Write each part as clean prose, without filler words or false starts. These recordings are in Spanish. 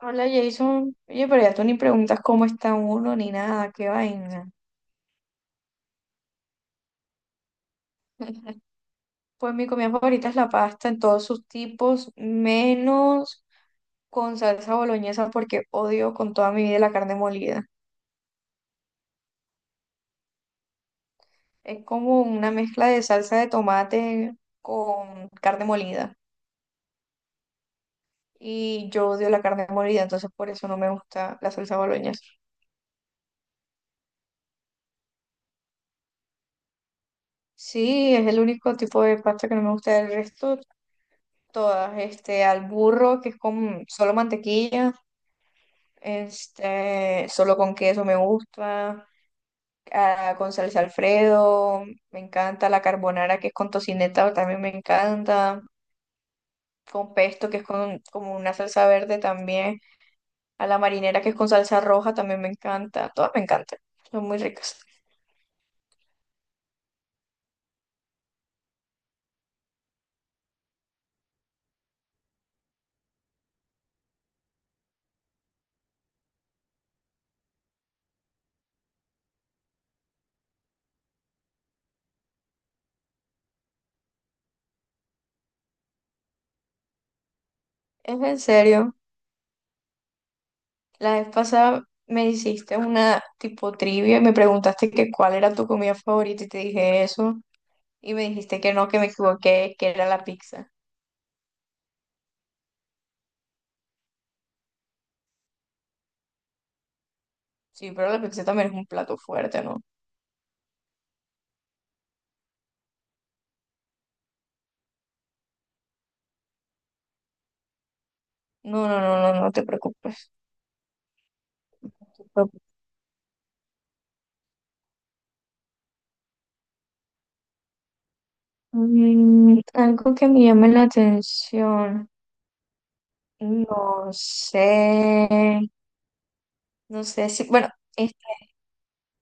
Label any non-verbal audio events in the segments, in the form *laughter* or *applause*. Hola Jason, oye, pero ya tú ni preguntas cómo está uno ni nada, qué vaina. *laughs* Pues mi comida favorita es la pasta en todos sus tipos, menos con salsa boloñesa porque odio con toda mi vida la carne molida. Es como una mezcla de salsa de tomate con carne molida. Y yo odio la carne molida, entonces por eso no me gusta la salsa boloñesa. Sí, es el único tipo de pasta que no me gusta. Del resto, todas. Al burro, que es con solo mantequilla. Este, solo con queso me gusta, ah, con salsa Alfredo, me encanta la carbonara que es con tocineta, también me encanta, con pesto que es con como una salsa verde también, a la marinera que es con salsa roja también me encanta, todas me encantan, son muy ricas. ¿Es en serio? La vez pasada me hiciste una tipo trivia y me preguntaste que cuál era tu comida favorita y te dije eso y me dijiste que no, que me equivoqué, que era la pizza. Sí, pero la pizza también es un plato fuerte, ¿no? No, no, no, no, no te preocupes. No te preocupes. Mm, algo que me llame la atención. No sé. No sé si, bueno, es-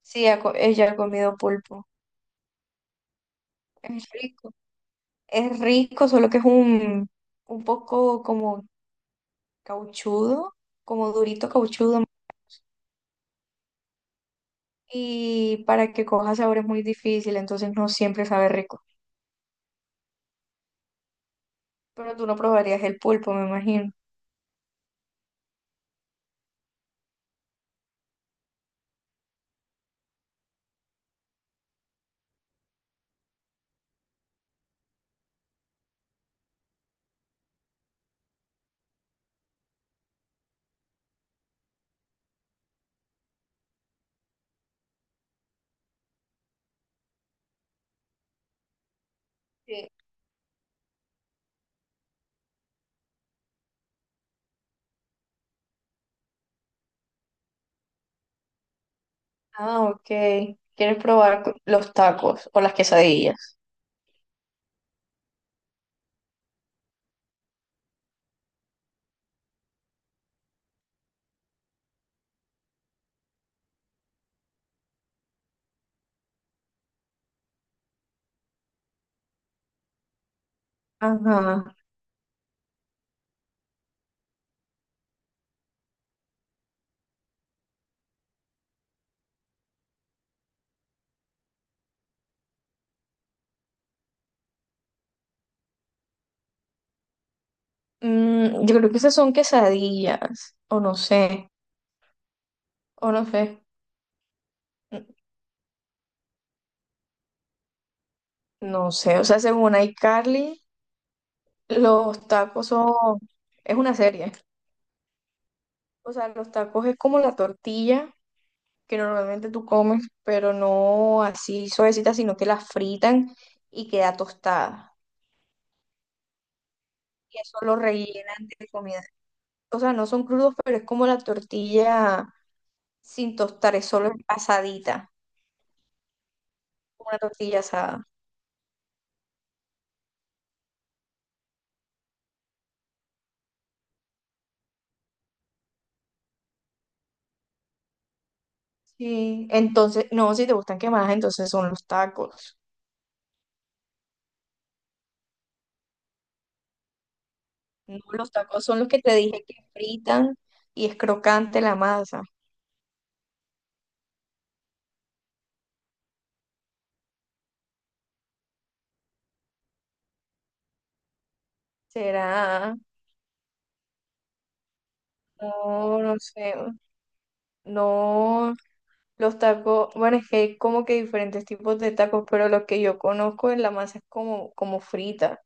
sí, ella ha comido pulpo. Es rico. Es rico, solo que es un poco como cauchudo, como durito cauchudo, y para que coja sabor es muy difícil, entonces no siempre sabe rico. Pero tú no probarías el pulpo, me imagino. Sí. Ah, ok. ¿Quieres probar los tacos o las quesadillas? Ajá. Mm, yo creo que esas son quesadillas, o no sé, N- no sé, o sea, según iCarly, los tacos son, es una serie, o sea, los tacos es como la tortilla que normalmente tú comes, pero no así suavecita, sino que la fritan y queda tostada. Y eso lo rellenan de comida. O sea, no son crudos, pero es como la tortilla sin tostar, es solo asadita, como una tortilla asada. Sí, entonces, no, si te gustan quemadas, entonces son los tacos. No, los tacos son los que te dije que fritan y es crocante la masa. Será, no, no sé, no, Los tacos, bueno, es que hay como que diferentes tipos de tacos, pero los que yo conozco en la masa es como, como frita.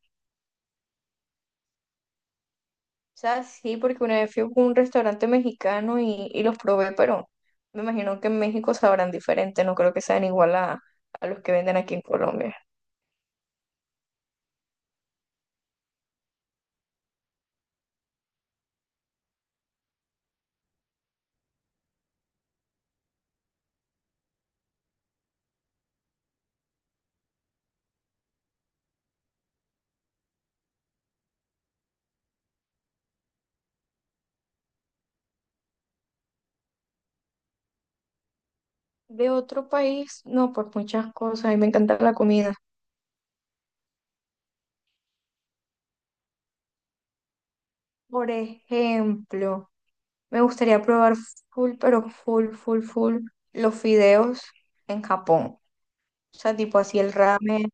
O sea, sí, porque una vez fui a un restaurante mexicano y los probé, pero me imagino que en México sabrán diferente, no creo que sean igual a los que venden aquí en Colombia. De otro país, no, pues muchas cosas, a mí me encanta la comida. Por ejemplo, me gustaría probar full, pero full los fideos en Japón. O sea, tipo así el ramen,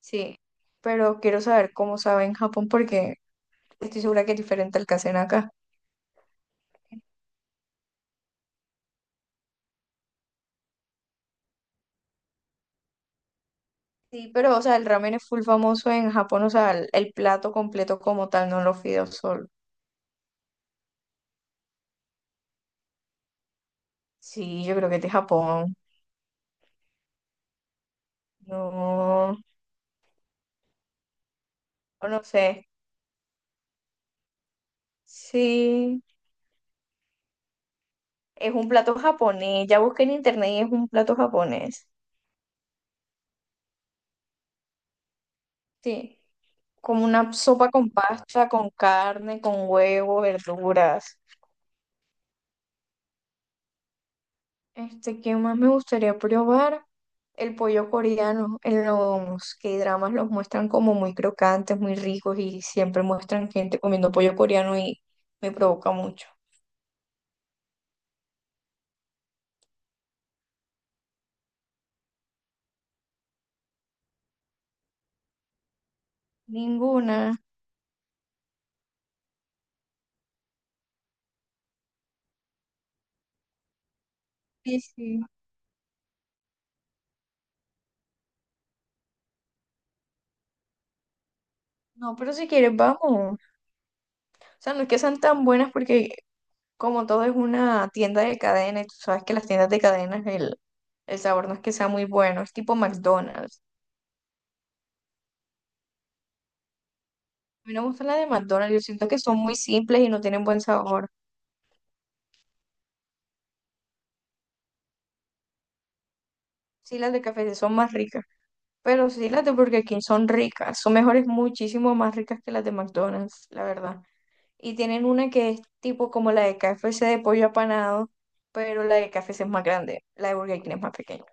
sí. Pero quiero saber cómo sabe en Japón porque estoy segura que es diferente al que hacen acá. Sí, pero o sea, el ramen es full famoso en Japón, o sea, el plato completo como tal, no los fideos solo. Sí, yo creo que es de Japón. No, o no sé. Sí, es un plato japonés. Ya busqué en internet y es un plato japonés. Sí. Como una sopa con pasta, con carne, con huevo, verduras. Este, ¿qué más me gustaría probar? El pollo coreano. En los K-dramas los muestran como muy crocantes, muy ricos y siempre muestran gente comiendo pollo coreano y me provoca mucho. Ninguna. Sí, sí. No, pero si quieres, vamos. O sea, no es que sean tan buenas porque como todo es una tienda de cadena y tú sabes que las tiendas de cadenas el sabor no es que sea muy bueno, es tipo McDonald's. A mí no me gustan las de McDonald's, yo siento que son muy simples y no tienen buen sabor. Sí, las de KFC son más ricas, pero sí las de Burger King son ricas, son mejores, muchísimo más ricas que las de McDonald's, la verdad. Y tienen una que es tipo como la de KFC de pollo apanado, pero la de KFC es más grande, la de Burger King es más pequeña.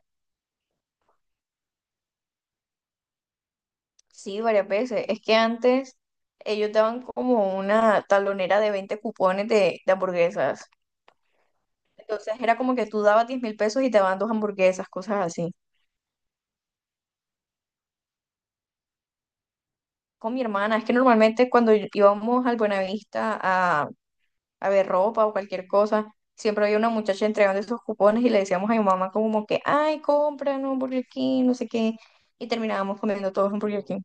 Sí, varias veces. Es que antes ellos daban como una talonera de 20 cupones de hamburguesas. Entonces era como que tú dabas 10.000 pesos y te daban dos hamburguesas, cosas así. Con mi hermana. Es que normalmente cuando íbamos al Buenavista a ver ropa o cualquier cosa, siempre había una muchacha entregando esos cupones y le decíamos a mi mamá como que, ay, cómpranos un Burger King, no sé qué. Y terminábamos comiendo todos un Burger King.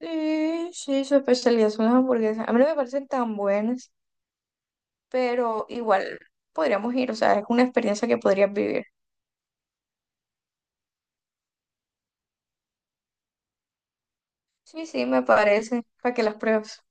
Sí, sí, su especialidad son las hamburguesas. A mí no me parecen tan buenas, pero igual podríamos ir, o sea, es una experiencia que podrías vivir. Sí, sí, me parece, para que las pruebes.